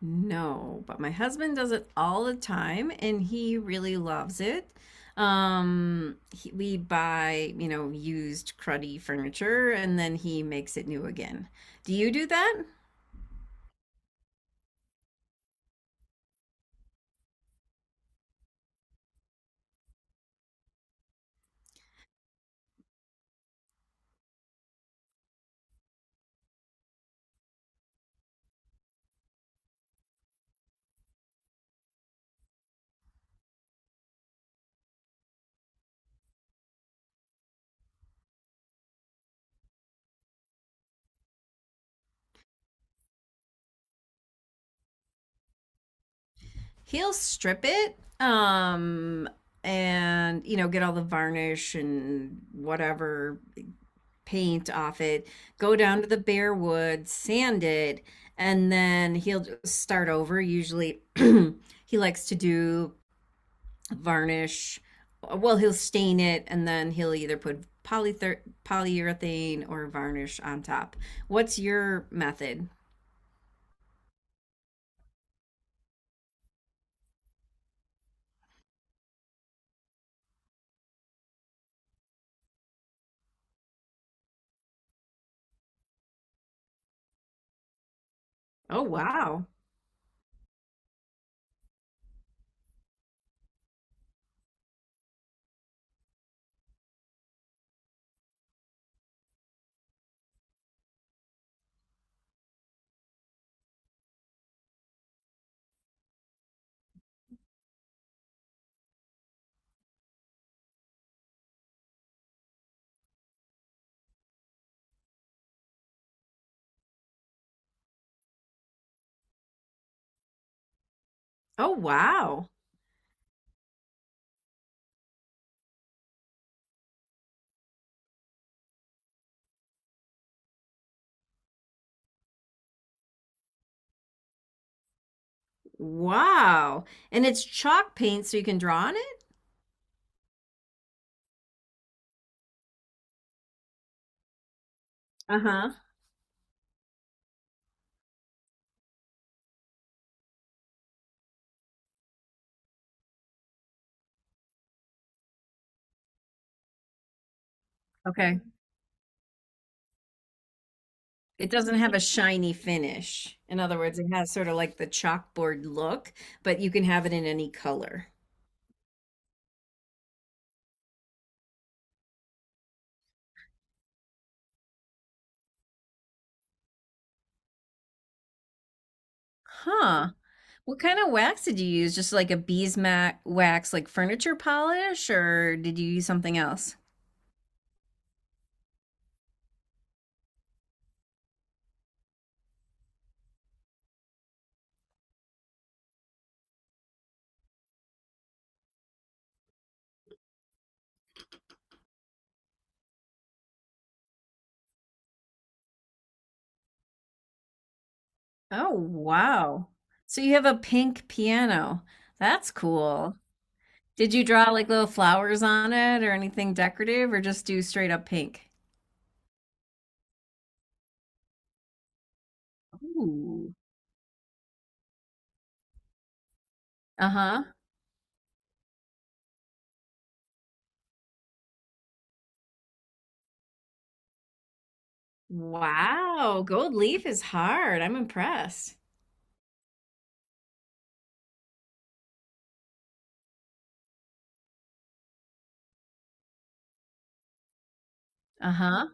No, but my husband does it all the time and he really loves it. We buy, you know, used cruddy furniture and then he makes it new again. Do you do that? He'll strip it, and, you know, get all the varnish and whatever paint off it, go down to the bare wood, sand it, and then he'll just start over. Usually he likes to do varnish. Well, he'll stain it and then he'll either put polyurethane or varnish on top. What's your method? Oh, wow. Oh, wow. Wow. And it's chalk paint, so you can draw on it? Uh-huh. Okay. It doesn't have a shiny finish. In other words, it has sort of like the chalkboard look, but you can have it in any color. Huh. What kind of wax did you use? Just like a beeswax like furniture polish, or did you use something else? Oh, wow. So you have a pink piano. That's cool. Did you draw like little flowers on it or anything decorative, or just do straight up pink? Ooh. Uh-huh. Wow. Gold leaf is hard. I'm impressed. Uh-huh.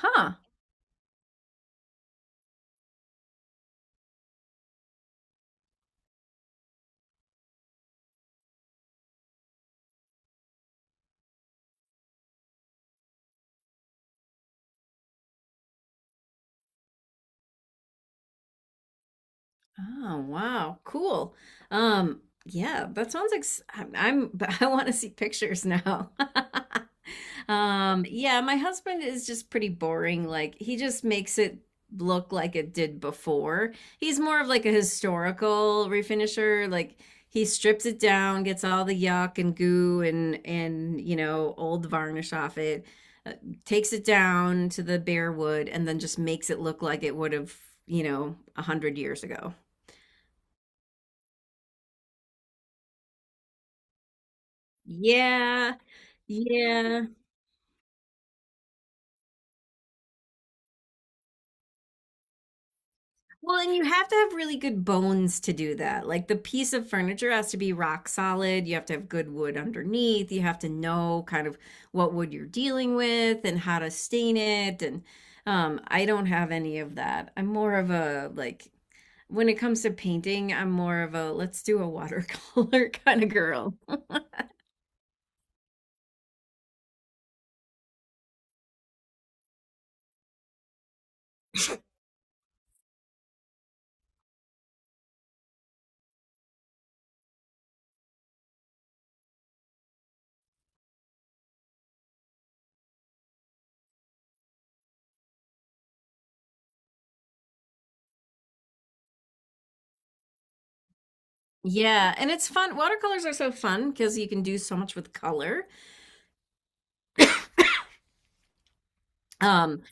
Huh. Oh, wow. Cool. Yeah, that sounds like I'm but I want to see pictures now. Yeah, my husband is just pretty boring. Like he just makes it look like it did before. He's more of like a historical refinisher. Like he strips it down, gets all the yuck and goo and you know, old varnish off it, uh, takes it down to the bare wood and then just makes it look like it would have, you know, a hundred years ago. Yeah, yeah. Well, and you have to have really good bones to do that. Like the piece of furniture has to be rock solid. You have to have good wood underneath. You have to know kind of what wood you're dealing with and how to stain it. And I don't have any of that. I'm more of a like when it comes to painting, I'm more of a let's do a watercolor kind of girl. Yeah, and it's fun. Watercolors are so fun because you can do so much with color. Um,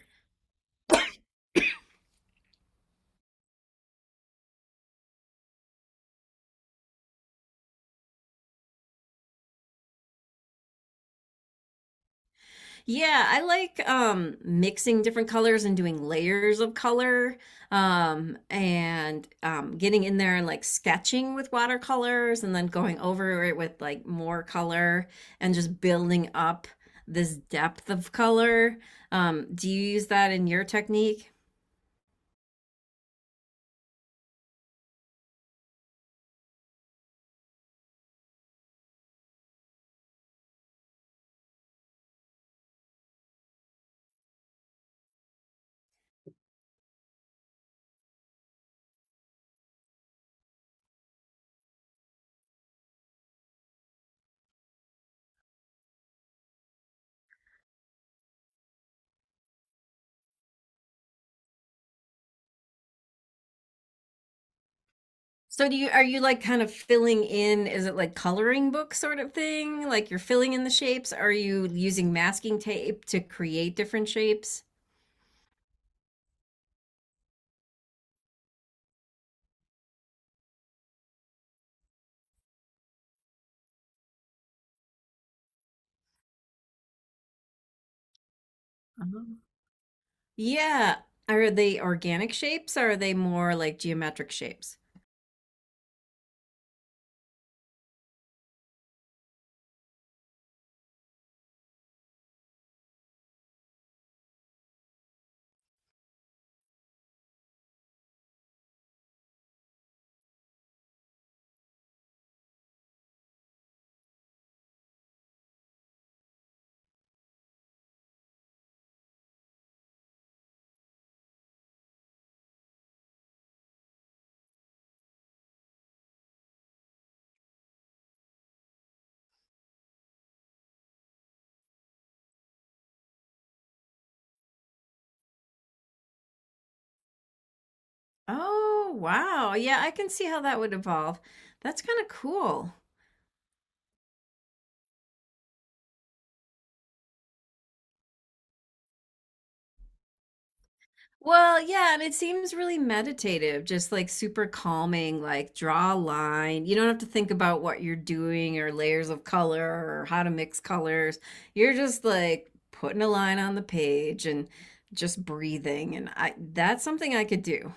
Yeah, I like mixing different colors and doing layers of color and getting in there and like sketching with watercolors and then going over it with like more color and just building up this depth of color. Do you use that in your technique? So do you are you like kind of filling in, is it like coloring book sort of thing? Like you're filling in the shapes? Are you using masking tape to create different shapes? Oh. Yeah. Are they organic shapes or are they more like geometric shapes? Oh, wow. Yeah, I can see how that would evolve. That's kind of cool. Well, yeah, and it seems really meditative, just like super calming, like draw a line. You don't have to think about what you're doing or layers of color or how to mix colors. You're just like putting a line on the page and just breathing. And I that's something I could do.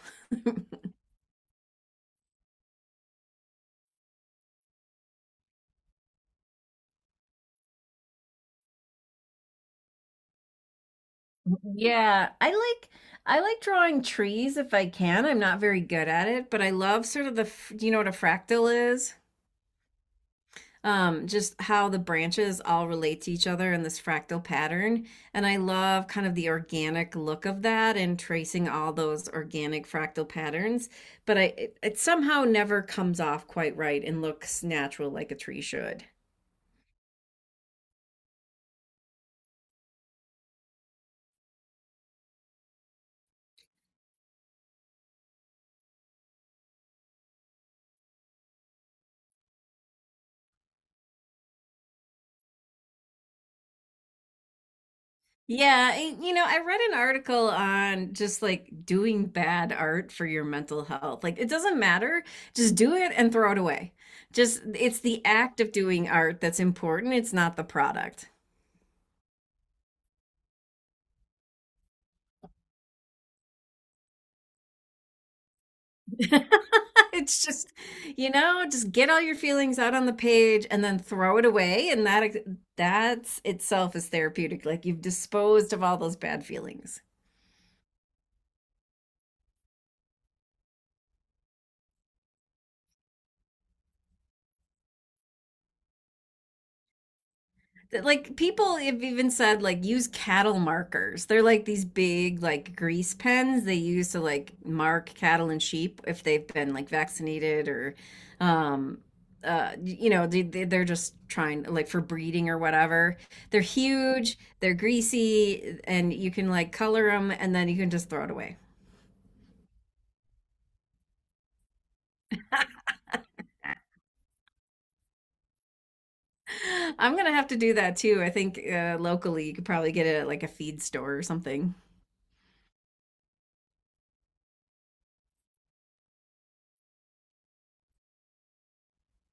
Yeah, I like drawing trees if I can. I'm not very good at it, but I love sort of the, do you know what a fractal is? Just how the branches all relate to each other in this fractal pattern. And I love kind of the organic look of that and tracing all those organic fractal patterns. But it somehow never comes off quite right and looks natural like a tree should. Yeah, and, you know, I read an article on just like doing bad art for your mental health. Like it doesn't matter, just do it and throw it away. Just it's the act of doing art that's important, it's not the product. It's just, you know, just get all your feelings out on the page and then throw it away. And that's itself is therapeutic. Like you've disposed of all those bad feelings. Like people have even said like use cattle markers. They're like these big like grease pens they use to like mark cattle and sheep if they've been like vaccinated or um you know they're just trying like for breeding or whatever. They're huge, they're greasy and you can like color them and then you can just throw it away. I'm gonna have to do that too I think. Locally you could probably get it at like a feed store or something.